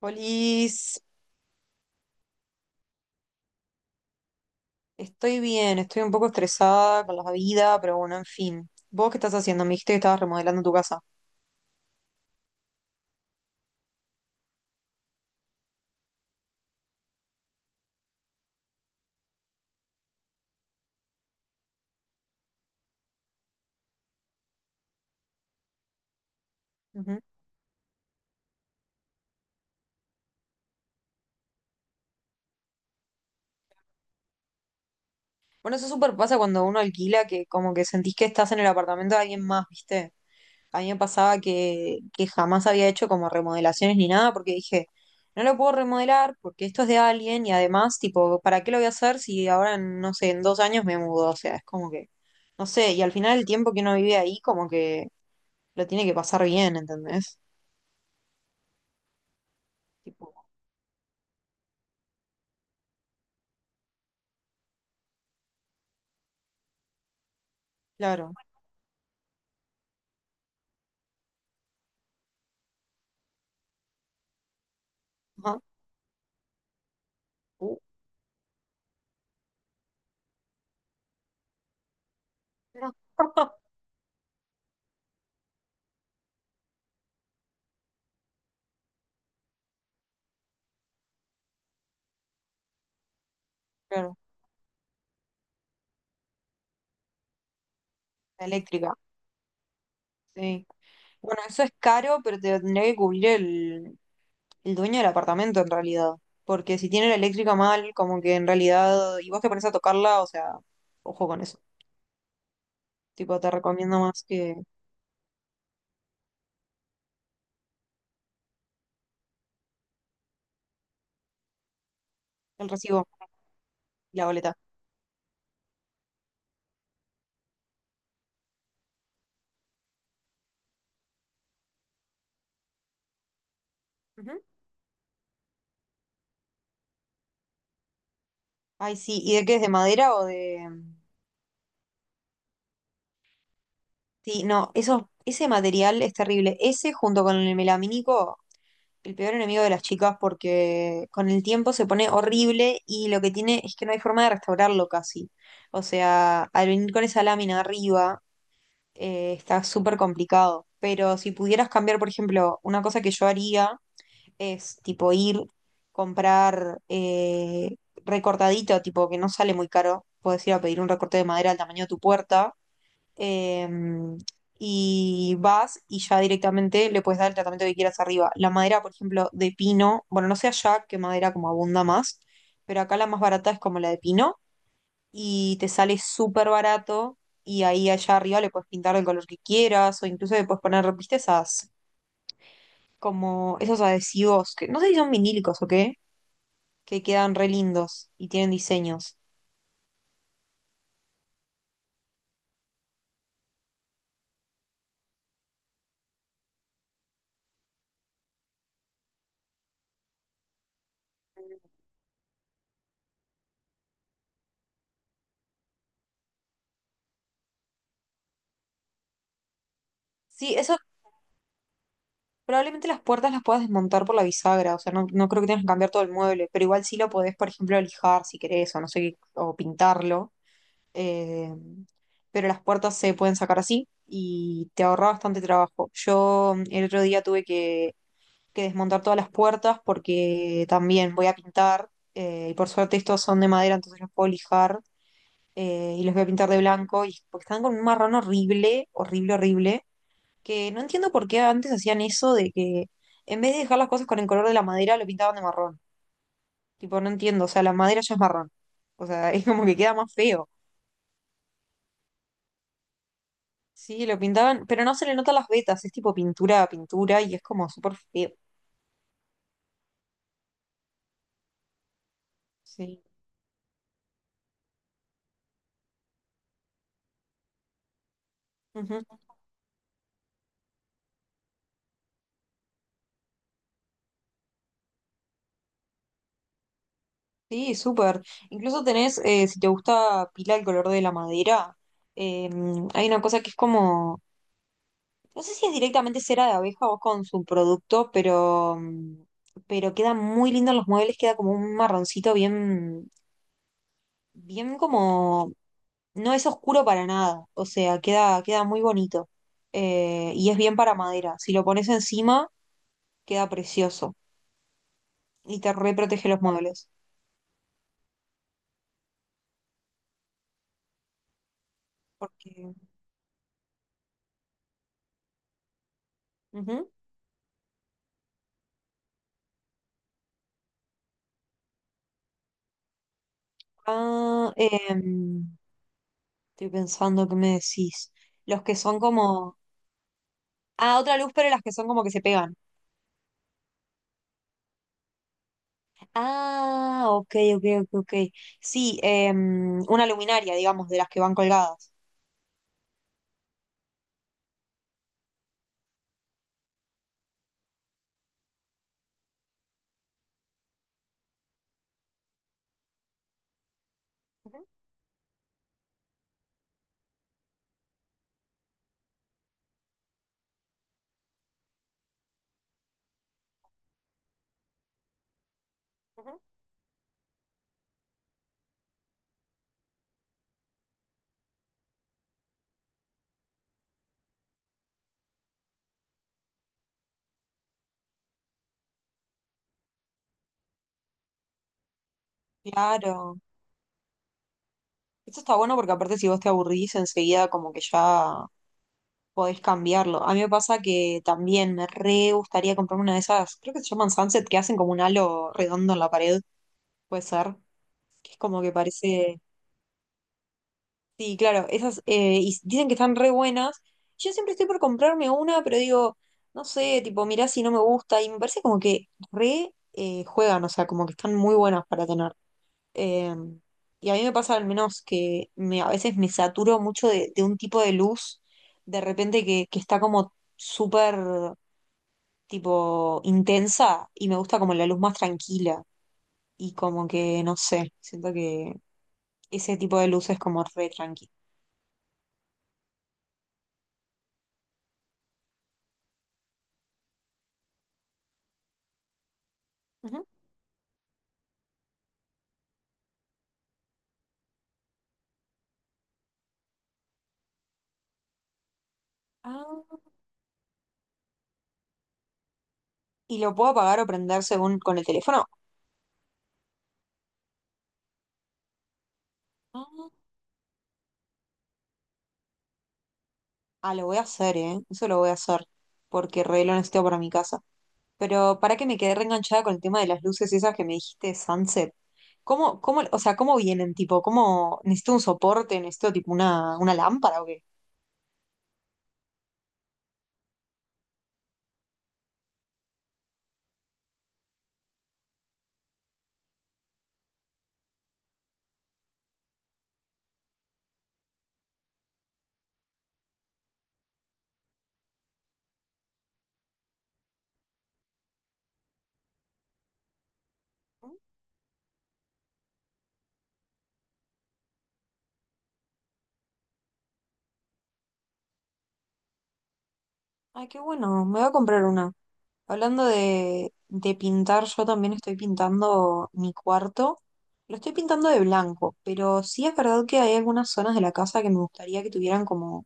Polis, estoy bien, estoy un poco estresada con la vida, pero bueno, en fin. ¿Vos qué estás haciendo? Me dijiste que estabas remodelando tu casa. Ujú. Bueno, eso súper pasa cuando uno alquila, que como que sentís que estás en el apartamento de alguien más, ¿viste? A mí me pasaba que jamás había hecho como remodelaciones ni nada, porque dije, no lo puedo remodelar porque esto es de alguien y además, tipo, ¿para qué lo voy a hacer si ahora, en, no sé, en 2 años me mudo? O sea, es como que, no sé, y al final el tiempo que uno vive ahí, como que lo tiene que pasar bien, ¿entendés? Tipo. Claro. Ajá. Uh, no. Claro, la eléctrica, sí. Bueno, eso es caro, pero te lo tendría que cubrir el dueño del apartamento en realidad. Porque si tiene la eléctrica mal, como que en realidad, y vos te pones a tocarla, o sea, ojo con eso. Tipo, te recomiendo más que el recibo y la boleta. Ujú. Ay, sí, ¿y de qué es? ¿De madera o de...? Sí, no, eso, ese material es terrible. Ese junto con el melamínico el peor enemigo de las chicas porque con el tiempo se pone horrible y lo que tiene es que no hay forma de restaurarlo casi. O sea, al venir con esa lámina arriba, está súper complicado. Pero si pudieras cambiar, por ejemplo, una cosa que yo haría es tipo ir, comprar recortadito, tipo que no sale muy caro. Puedes ir a pedir un recorte de madera al tamaño de tu puerta em, y vas y ya directamente le puedes dar el tratamiento que quieras arriba. La madera, por ejemplo, de pino, bueno, no sé allá qué madera como abunda más, pero acá la más barata es como la de pino y te sale súper barato y ahí allá arriba le puedes pintar el color que quieras o incluso le puedes poner, viste, esas, como esos adhesivos, que no sé si son vinílicos o qué, que quedan re lindos y tienen diseños. Sí, eso. Probablemente las puertas las puedas desmontar por la bisagra, o sea, no, no creo que tengas que cambiar todo el mueble, pero igual sí lo podés, por ejemplo, lijar si querés, o no sé, qué, o pintarlo. eh, pero las puertas se pueden sacar así y te ahorra bastante trabajo. Yo el otro día que desmontar todas las puertas porque también voy a pintar, y por suerte estos son de madera, entonces los puedo lijar y los voy a pintar de blanco, y porque están con un marrón horrible, horrible, horrible. Que no entiendo por qué antes hacían eso de que en vez de dejar las cosas con el color de la madera, lo pintaban de marrón. Tipo, no entiendo, o sea, la madera ya es marrón. O sea, es como que queda más feo. Sí, lo pintaban, pero no se le notan las vetas, es tipo pintura a pintura y es como súper feo. Sí. Ujú. Sí, súper. Incluso tenés, si te gusta pila el color de la madera, eh, hay una cosa que es como... No sé si es directamente cera de abeja o con su producto, pero, pero queda muy lindo en los muebles, queda como un marroncito bien, bien como, no es oscuro para nada, o sea, queda, queda muy bonito. Y es bien para madera. Si lo pones encima, queda precioso y te reprotege los muebles. Porque... Ujú. Ah, estoy pensando qué me decís. Los que son como, ah, otra luz, pero las que son como que se pegan. Ah, ok, ok, ok, ok. Sí, una luminaria, digamos, de las que van colgadas. Ujú, ujú. Claro. Esto está bueno porque aparte si vos te aburrís enseguida como que ya podés cambiarlo. A mí me pasa que también me re gustaría comprarme una de esas, creo que se llaman Sunset, que hacen como un halo redondo en la pared, puede ser, que es como que parece... Sí, claro, esas y s- dicen que están re buenas. Yo siempre estoy por comprarme una, pero digo, no sé, tipo, mirá si no me gusta. Y me parece como que re juegan, o sea, como que están muy buenas para tener. Eh, y a mí me pasa al menos que me, a veces me saturo mucho de un tipo de luz, de repente que está como súper, tipo, intensa y me gusta como la luz más tranquila. Y como que, no sé, siento que ese tipo de luz es como re tranquila. Y lo puedo apagar o prender según con el teléfono. Ah. Ah, lo voy a hacer, ¿eh? Eso lo voy a hacer, porque re lo necesito para mi casa. Pero para que me quedé reenganchada con el tema de las luces esas que me dijiste, de Sunset. ¿Cómo, cómo, o sea, cómo vienen, tipo, cómo, necesito un soporte, necesito tipo una lámpara o qué? Ay, qué bueno, me voy a comprar una. Hablando de pintar, yo también estoy pintando mi cuarto. Lo estoy pintando de blanco, pero sí es verdad que hay algunas zonas de la casa que me gustaría que tuvieran como...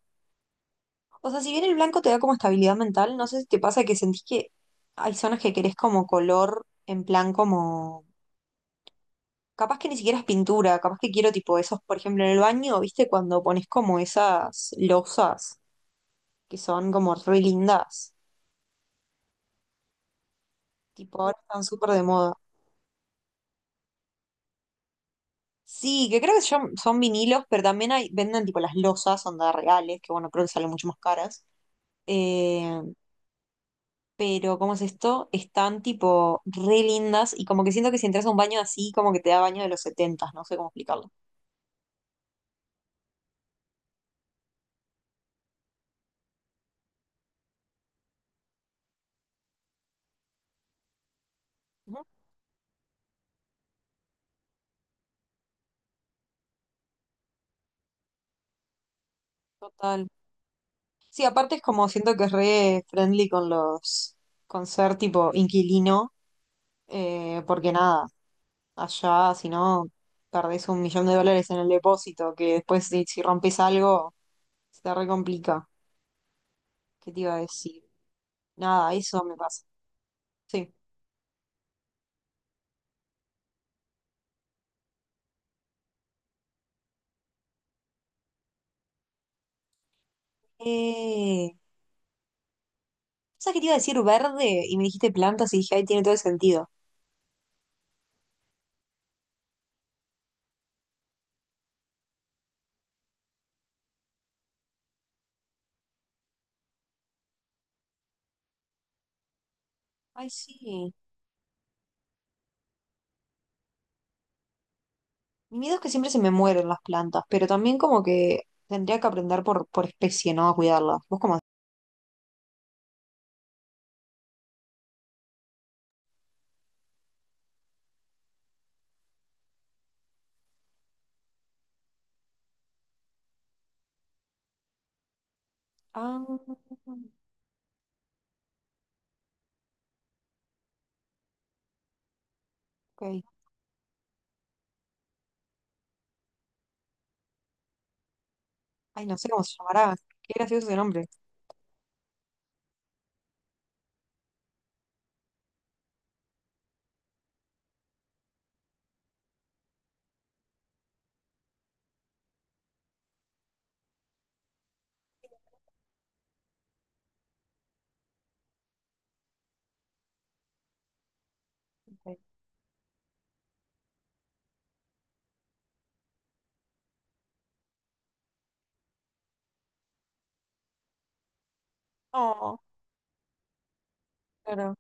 O sea, si bien el blanco te da como estabilidad mental, no sé si te pasa que sentís que hay zonas que querés como color en plan como... Capaz que ni siquiera es pintura, capaz que quiero tipo esos, por ejemplo, en el baño, ¿viste? Cuando pones como esas losas que son como re lindas, tipo ahora están súper de moda. Sí, que creo que son, son vinilos, pero también hay, venden tipo las losas, onda reales, que bueno, creo que salen mucho más caras. Eh, pero ¿cómo es esto? Están tipo re lindas y como que siento que si entras a un baño así, como que te da baño de los 70, no sé cómo explicarlo. Ujú. Total. Sí, aparte es como siento que es re friendly con los, con ser tipo inquilino, porque nada, allá si no perdés $1.000.000 en el depósito, que después si, si rompes algo se te re complica. ¿Qué te iba a decir? Nada, eso me pasa. Sí. Eh, ¿Sabes qué te iba a decir? Verde. Y me dijiste plantas y dije, ahí tiene todo el sentido. Ay, sí. Mi miedo es que siempre se me mueren las plantas, pero también como que tendría que aprender por especie, ¿no? A cuidarlas. ¿Vos cómo? Ah, ok. Ay, no sé cómo se llamará. Qué gracioso ese nombre. Ok. Oh, claro.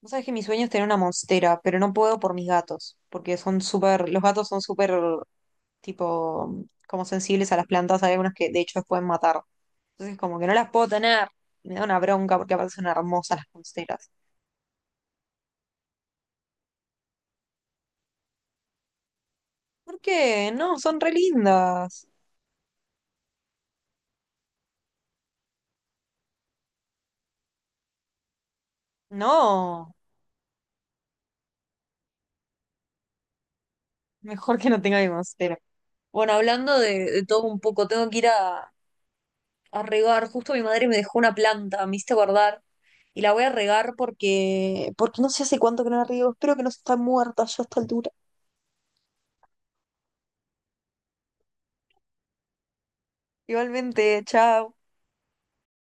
Vos sabés que mi sueño es tener una monstera, pero no puedo por mis gatos, porque son súper, los gatos son súper, tipo, como sensibles a las plantas. Hay algunas que de hecho las pueden matar. Entonces como que no las puedo tener. Me da una bronca porque aparte son hermosas las monsteras. ¿Por qué? No, son re lindas. No, mejor que no tenga, pero... Bueno, hablando de todo un poco, tengo que ir a regar. Justo mi madre me dejó una planta, me hiciste guardar. Y la voy a regar porque, porque no sé hace cuánto que no la riego. Espero que no se está muerta ya a esta altura. Igualmente, chao.